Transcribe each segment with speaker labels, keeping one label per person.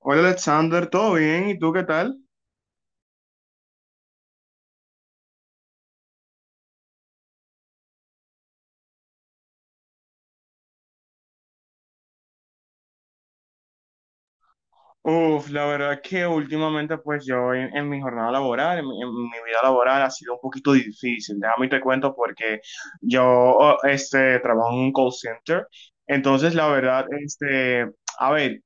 Speaker 1: Hola Alexander, ¿todo bien? ¿Y tú qué tal? Uf, la verdad que últimamente pues yo en mi jornada laboral, en mi vida laboral ha sido un poquito difícil, déjame y te cuento porque yo trabajo en un call center, entonces la verdad, a ver,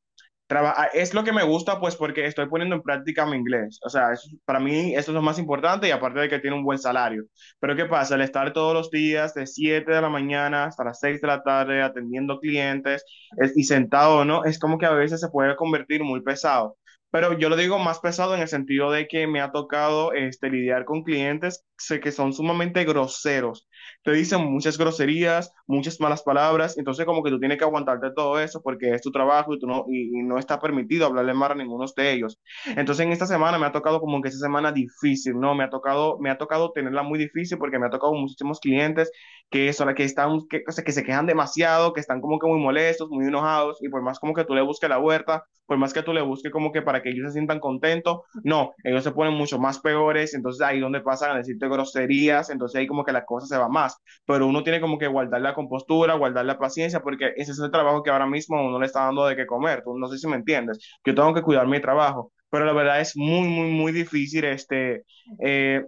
Speaker 1: Es lo que me gusta, pues, porque estoy poniendo en práctica mi inglés. O sea, para mí esto es lo más importante y aparte de que tiene un buen salario. Pero ¿qué pasa? El estar todos los días de 7 de la mañana hasta las 6 de la tarde atendiendo clientes y sentado, ¿no? Es como que a veces se puede convertir muy pesado. Pero yo lo digo más pesado en el sentido de que me ha tocado lidiar con clientes sé que son sumamente groseros, te dicen muchas groserías, muchas malas palabras, entonces como que tú tienes que aguantarte todo eso porque es tu trabajo y, tú no, y no está permitido hablarle mal a ninguno de ellos. Entonces en esta semana me ha tocado como que esta semana difícil, ¿no? Me ha tocado tenerla muy difícil porque me ha tocado muchísimos clientes que son o que se quejan demasiado, que están como que muy molestos, muy enojados y por más como que tú le busques la vuelta, por más que tú le busques como que para que ellos se sientan contentos, no, ellos se ponen mucho más peores, entonces ahí donde pasan a decirte groserías, entonces ahí como que la cosa se va más. Pero uno tiene como que guardar la compostura, guardar la paciencia, porque ese es el trabajo que ahora mismo uno le está dando de qué comer. Tú no sé si me entiendes. Yo tengo que cuidar mi trabajo, pero la verdad es muy, muy, muy difícil este. Eh,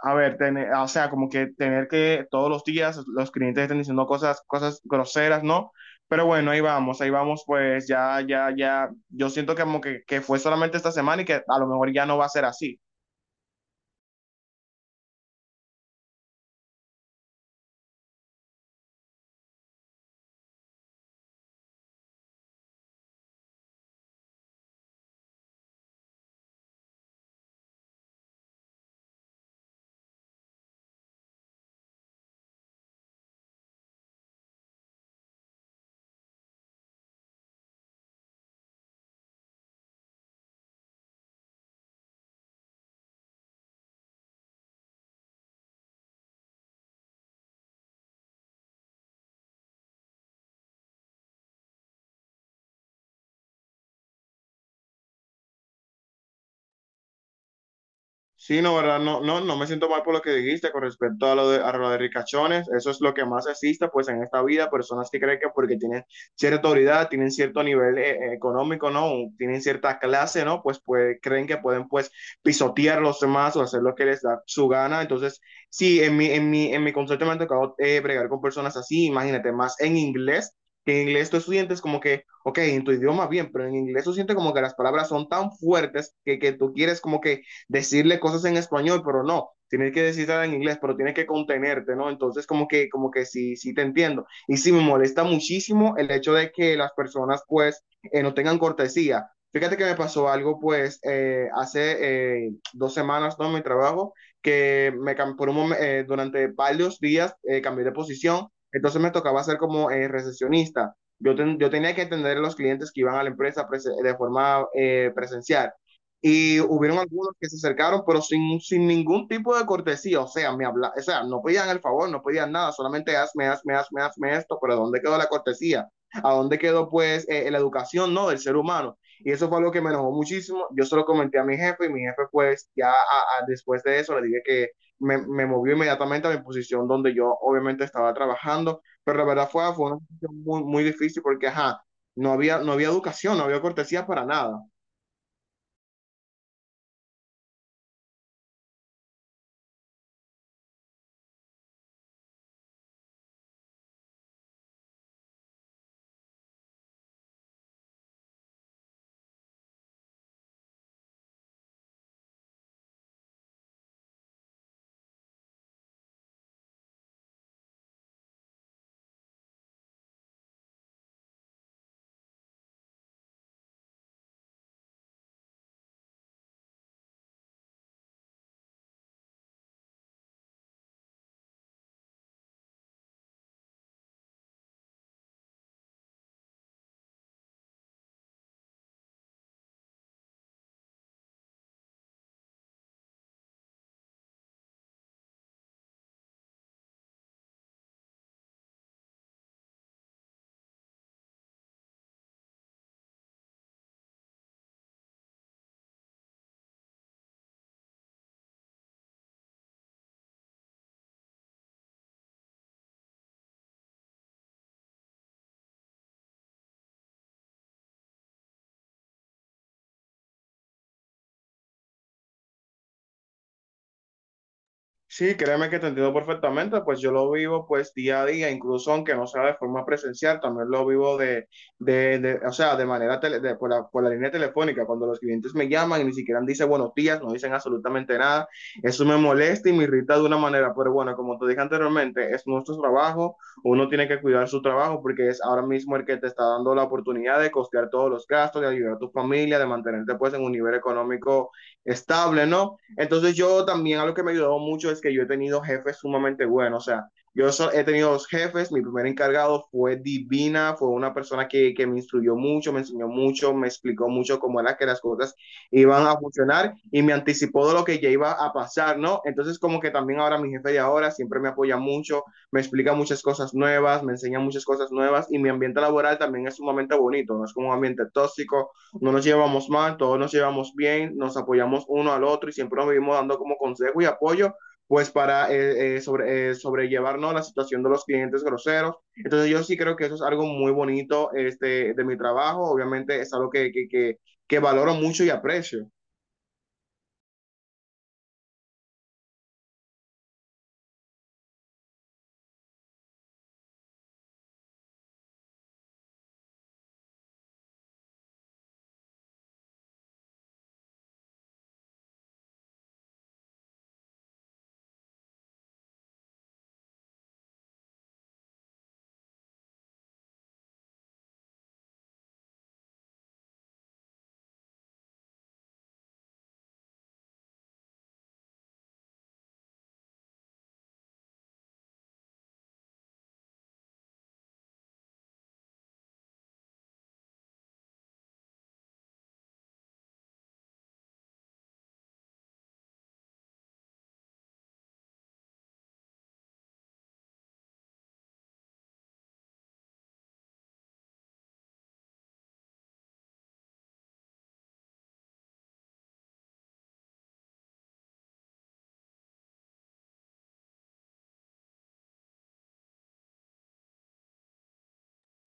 Speaker 1: a ver, tener, o sea, como que tener que todos los días los clientes estén diciendo cosas, cosas groseras, ¿no? Pero bueno, ahí vamos, pues ya, ya, ya, yo siento que que fue solamente esta semana y que a lo mejor ya no va a ser así. Sí, no, ¿verdad? No, no, no me siento mal por lo que dijiste con respecto a a lo de ricachones. Eso es lo que más existe, pues, en esta vida. Personas que creen que porque tienen cierta autoridad, tienen cierto nivel económico, ¿no? O tienen cierta clase, ¿no? Pues creen que pueden, pues, pisotear a los demás o hacer lo que les da su gana. Entonces, sí, en mi concepto me ha tocado bregar con personas así. Imagínate, más en inglés, que en inglés tú estudiantes como que, ok, en tu idioma bien, pero en inglés tú sientes como que las palabras son tan fuertes que tú quieres como que decirle cosas en español, pero no, tienes que decirla en inglés, pero tienes que contenerte, ¿no? Entonces, como que sí, sí te entiendo. Y sí me molesta muchísimo el hecho de que las personas, pues, no tengan cortesía. Fíjate que me pasó algo, pues, hace 2 semanas, ¿no? En mi trabajo, que me cam- por un momen- durante varios días cambié de posición, entonces me tocaba ser como recepcionista. Yo, yo tenía que atender a los clientes que iban a la empresa de forma presencial. Y hubieron algunos que se acercaron, pero sin ningún tipo de cortesía. O sea, me habla, o sea, no pedían el favor, no pedían nada, solamente hazme, hazme, hazme, hazme esto. Pero ¿dónde quedó la cortesía? ¿A dónde quedó, pues, la educación, no, del ser humano? Y eso fue algo que me enojó muchísimo. Yo se lo comenté a mi jefe y mi jefe, pues, ya después de eso le dije que movió inmediatamente a mi posición donde yo obviamente estaba trabajando. Pero la verdad fue una posición muy, muy difícil porque, ajá, no había educación, no había cortesía para nada. Sí, créeme que te entiendo perfectamente, pues yo lo vivo pues día a día, incluso aunque no sea de forma presencial, también lo vivo o sea, de manera tele- de- por por la línea telefónica, cuando los clientes me llaman y ni siquiera dicen buenos días, no dicen absolutamente nada, eso me molesta y me irrita de una manera, pero bueno, como te dije anteriormente, es nuestro trabajo, uno tiene que cuidar su trabajo porque es ahora mismo el que te está dando la oportunidad de costear todos los gastos, de ayudar a tu familia, de mantenerte pues en un nivel económico estable, ¿no? Entonces yo también algo que me ayudó mucho es que yo he tenido jefes sumamente buenos, o sea, he tenido 2 jefes, mi primer encargado fue divina, fue una persona me instruyó mucho, me enseñó mucho, me explicó mucho cómo era que las cosas iban a funcionar y me anticipó de lo que ya iba a pasar, ¿no? Entonces como que también ahora mi jefe de ahora siempre me apoya mucho, me explica muchas cosas nuevas, me enseña muchas cosas nuevas y mi ambiente laboral también es sumamente bonito, no es como un ambiente tóxico, no nos llevamos mal, todos nos llevamos bien, nos apoyamos uno al otro y siempre nos vivimos dando como consejo y apoyo, pues para sobrellevarnos la situación de los clientes groseros. Entonces yo sí creo que eso es algo muy bonito este, de mi trabajo, obviamente es algo que valoro mucho y aprecio.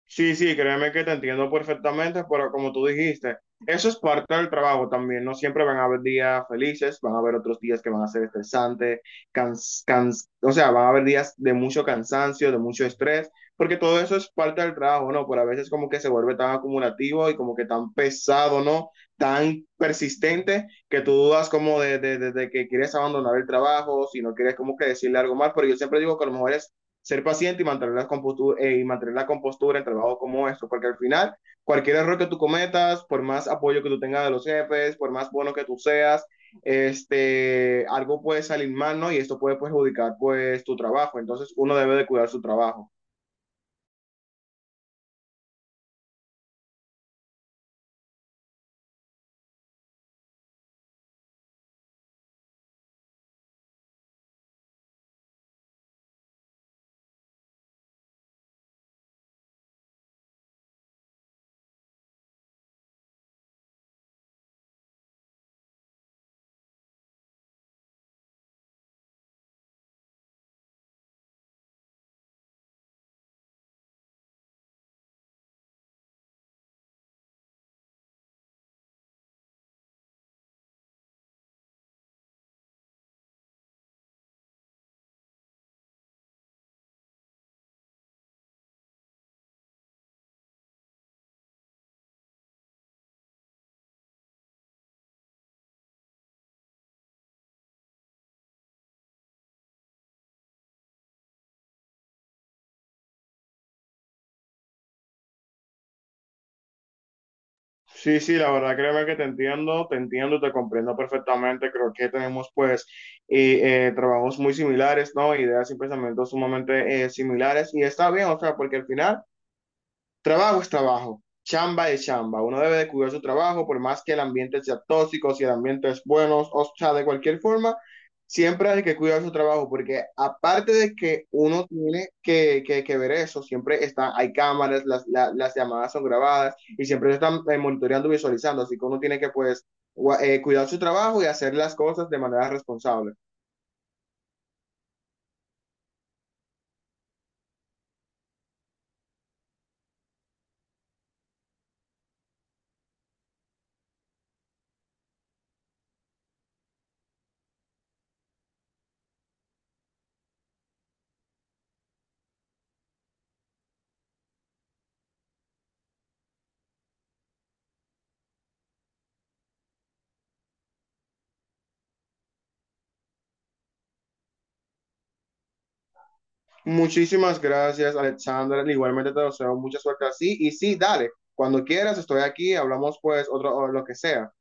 Speaker 1: Sí, sí, créeme que te entiendo perfectamente, pero como tú dijiste, eso es parte del trabajo también. No siempre van a haber días felices, van a haber otros días que van a ser estresantes, o sea, van a haber días de mucho cansancio, de mucho estrés, porque todo eso es parte del trabajo, ¿no? Pero a veces como que se vuelve tan acumulativo y como que tan pesado, ¿no? Tan persistente que tú dudas como de que quieres abandonar el trabajo, si no quieres como que decirle algo más, pero yo siempre digo que a lo mejor es ser paciente y mantener la compostura, y mantener la compostura en trabajos como esto, porque al final cualquier error que tú cometas, por más apoyo que tú tengas de los jefes, por más bueno que tú seas, algo puede salir mal, ¿no? Y esto puede perjudicar pues tu trabajo, entonces uno debe de cuidar su trabajo. Sí, sí, la verdad creo que te entiendo, y te comprendo perfectamente. Creo que tenemos pues trabajos muy similares, ¿no? Ideas y pensamientos sumamente similares. Y está bien, o sea, porque al final trabajo es trabajo, chamba es chamba. Uno debe de cuidar su trabajo, por más que el ambiente sea tóxico, si el ambiente es bueno, o sea, de cualquier forma, siempre hay que cuidar su trabajo, porque aparte de que uno tiene que, que ver eso, siempre están, hay cámaras, las llamadas son grabadas y siempre se están monitoreando, visualizando, así que uno tiene que pues cuidar su trabajo y hacer las cosas de manera responsable. Muchísimas gracias, Alexandra. Igualmente te deseo mucha suerte así. Y sí, dale, cuando quieras, estoy aquí, hablamos pues otro, o lo que sea.